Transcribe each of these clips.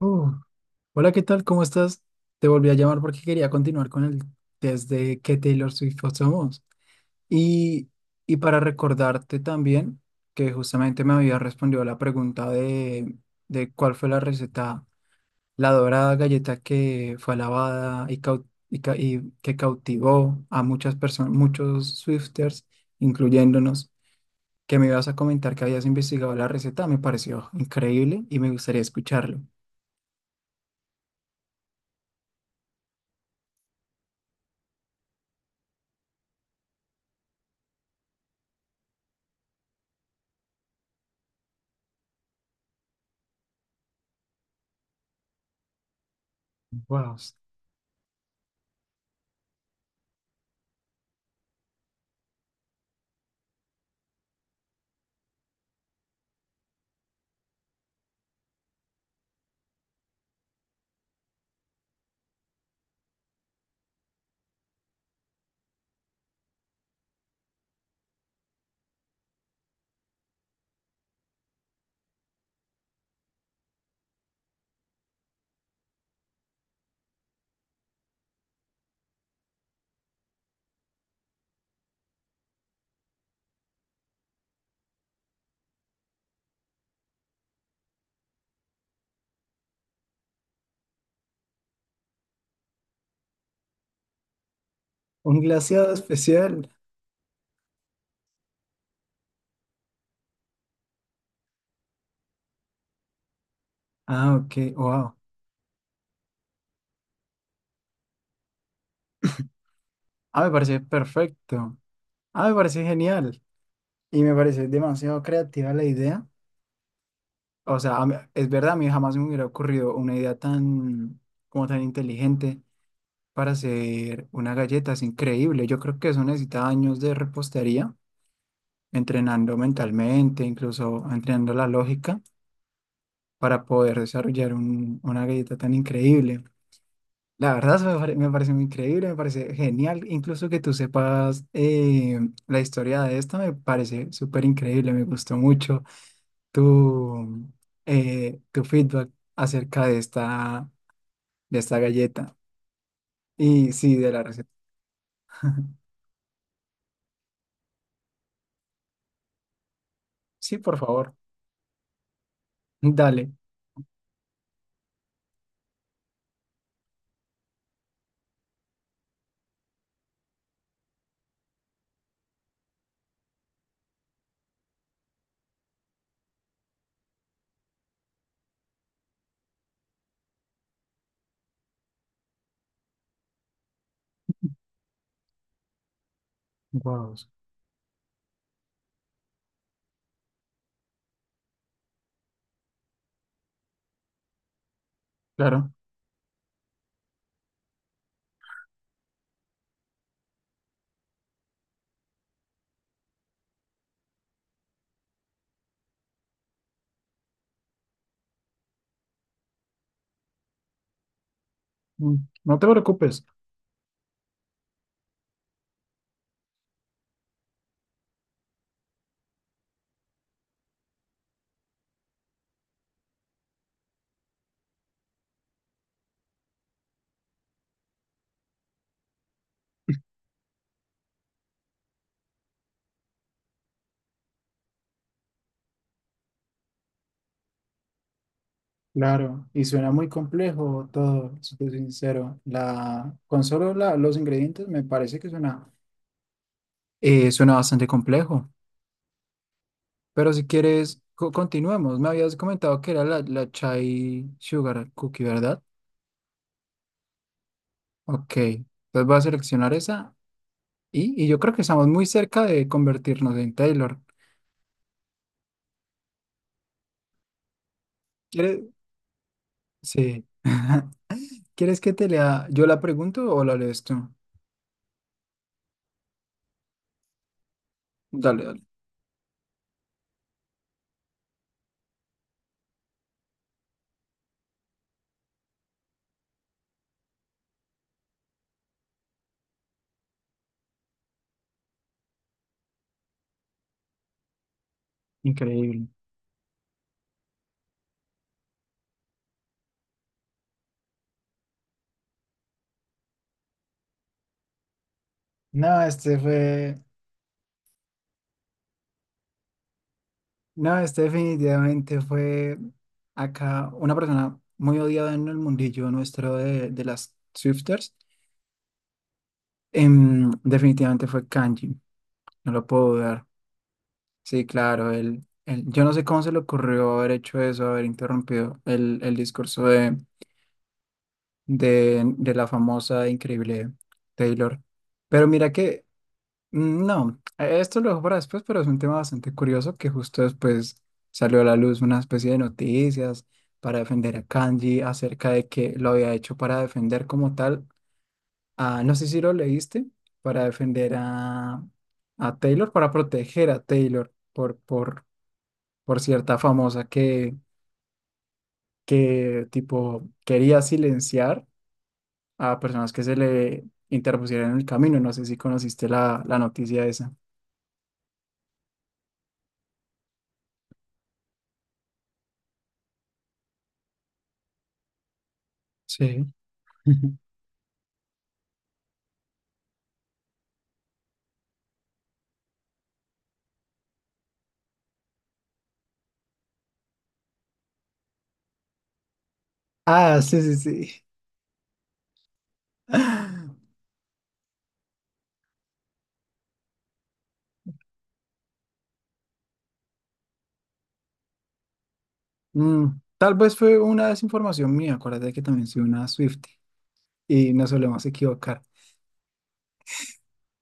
Uh, Hola, ¿qué tal? ¿Cómo estás? Te volví a llamar porque quería continuar con el test de qué Taylor Swift somos. Y, y para recordarte también que justamente me había respondido a la pregunta de cuál fue la receta, la dorada galleta que fue alabada y, y que cautivó a muchas personas, muchos Swifters, incluyéndonos, que me ibas a comentar que habías investigado la receta. Me pareció increíble y me gustaría escucharlo. Wow. Un glaseado especial. Ah, ok, wow. Ah, me parece perfecto. Ah, me parece genial. Y me parece demasiado creativa la idea. O sea, es verdad, a mí jamás me hubiera ocurrido una idea tan, como tan inteligente para hacer una galleta. Es increíble. Yo creo que eso necesita años de repostería, entrenando mentalmente, incluso entrenando la lógica para poder desarrollar una galleta tan increíble. La verdad me parece muy increíble, me parece genial, incluso que tú sepas la historia de esta me parece súper increíble, me gustó mucho tu, tu feedback acerca de esta galleta y sí, de la receta. Sí, por favor, dale. Wow, claro. Mm, no te preocupes. Claro, y suena muy complejo todo, si te soy sincero. Con solo los ingredientes me parece que suena, suena bastante complejo. Pero si quieres, continuemos. Me habías comentado que era la Chai Sugar Cookie, ¿verdad? Ok, entonces voy a seleccionar esa y yo creo que estamos muy cerca de convertirnos en Taylor. ¿Quieres? Sí. ¿Quieres que te lea? ¿Yo la pregunto o la lees tú? Dale, dale. Increíble. No, este fue, no, este definitivamente fue acá una persona muy odiada en el mundillo nuestro de las Swifters. Definitivamente fue Kanji. No lo puedo dudar. Sí, claro, yo no sé cómo se le ocurrió haber hecho eso, haber interrumpido el discurso de la famosa e increíble Taylor. Pero mira que, mm, no, e, esto lo dejo para después, pero es un tema bastante curioso que justo después salió a la luz una especie de noticias para defender a Kanji acerca de que lo había hecho para defender como tal a, no sé si lo leíste, para defender a Taylor, para proteger a Taylor. Por cierta famosa que tipo quería silenciar a personas que se le interpusieran en el camino. No sé si conociste la noticia esa. Sí. Ah, sí, sí, sí. Mm, tal vez fue una desinformación mía. Acuérdate que también soy una Swiftie y nos solemos equivocar.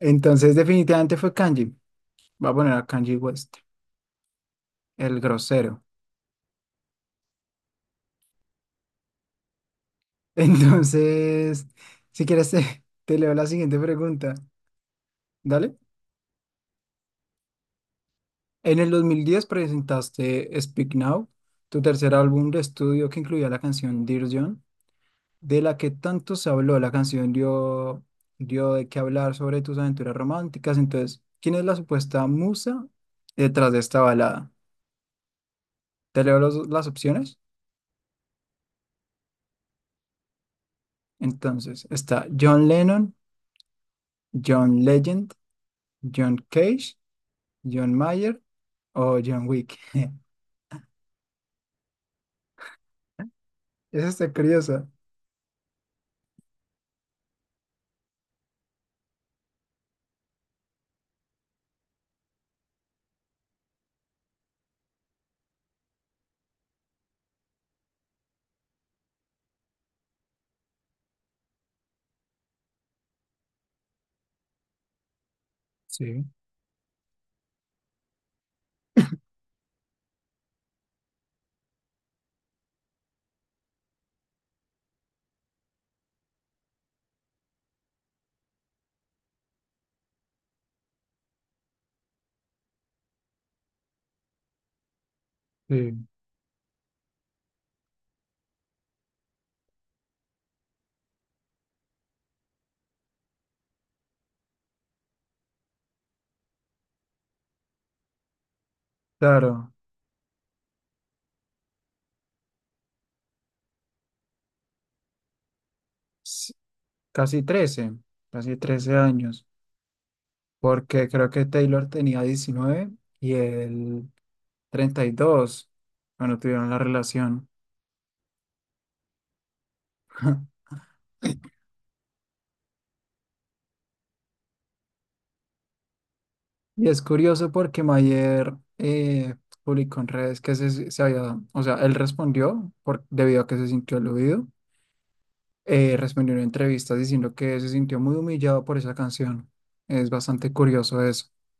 Entonces, definitivamente fue Kanji. Va a poner a Kanji West, el grosero. Entonces, si quieres, te leo la siguiente pregunta. Dale. En el 2010 presentaste Speak Now, tu tercer álbum de estudio que incluía la canción Dear John, de la que tanto se habló. La canción dio de qué hablar sobre tus aventuras románticas. Entonces, ¿quién es la supuesta musa detrás de esta balada? Te leo las opciones. Entonces, está John Lennon, John Legend, John Cage, John Mayer o John Wick. Esa está curiosa. Sí, sí. Claro. Casi 13, casi 13 años, porque creo que Taylor tenía 19 y él 32 cuando tuvieron la relación. Y es curioso porque Mayer eh, publicó en redes que se había, o sea, él respondió por, debido a que se sintió aludido, respondió en entrevistas diciendo que se sintió muy humillado por esa canción. Es bastante curioso eso.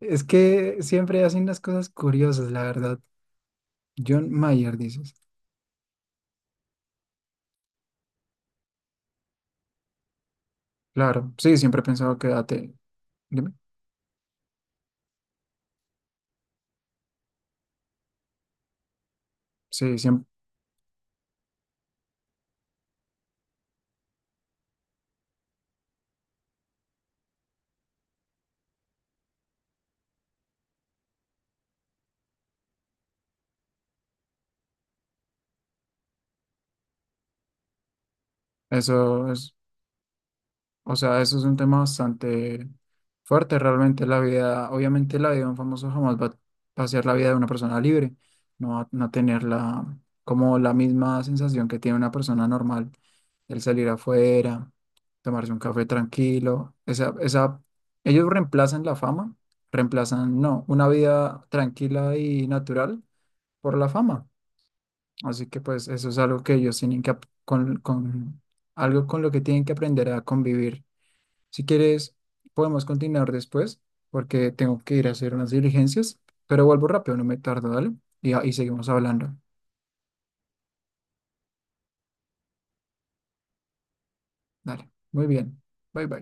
Es que siempre hacen las cosas curiosas, la verdad. John Mayer, dices. Claro, sí, siempre he pensado que date. Dime. Sí, siempre. Eso es, o sea, eso es un tema bastante fuerte realmente. La vida, obviamente la vida de un famoso jamás va, va a ser la vida de una persona libre. No va a tener como la misma sensación que tiene una persona normal. El salir afuera, tomarse un café tranquilo. Ellos reemplazan la fama, reemplazan, no, una vida tranquila y natural por la fama. Así que pues eso es algo que ellos tienen que, algo con lo que tienen que aprender a convivir. Si quieres, podemos continuar después porque tengo que ir a hacer unas diligencias, pero vuelvo rápido, no me tardo, dale. Y seguimos hablando. Dale, muy bien. Bye bye.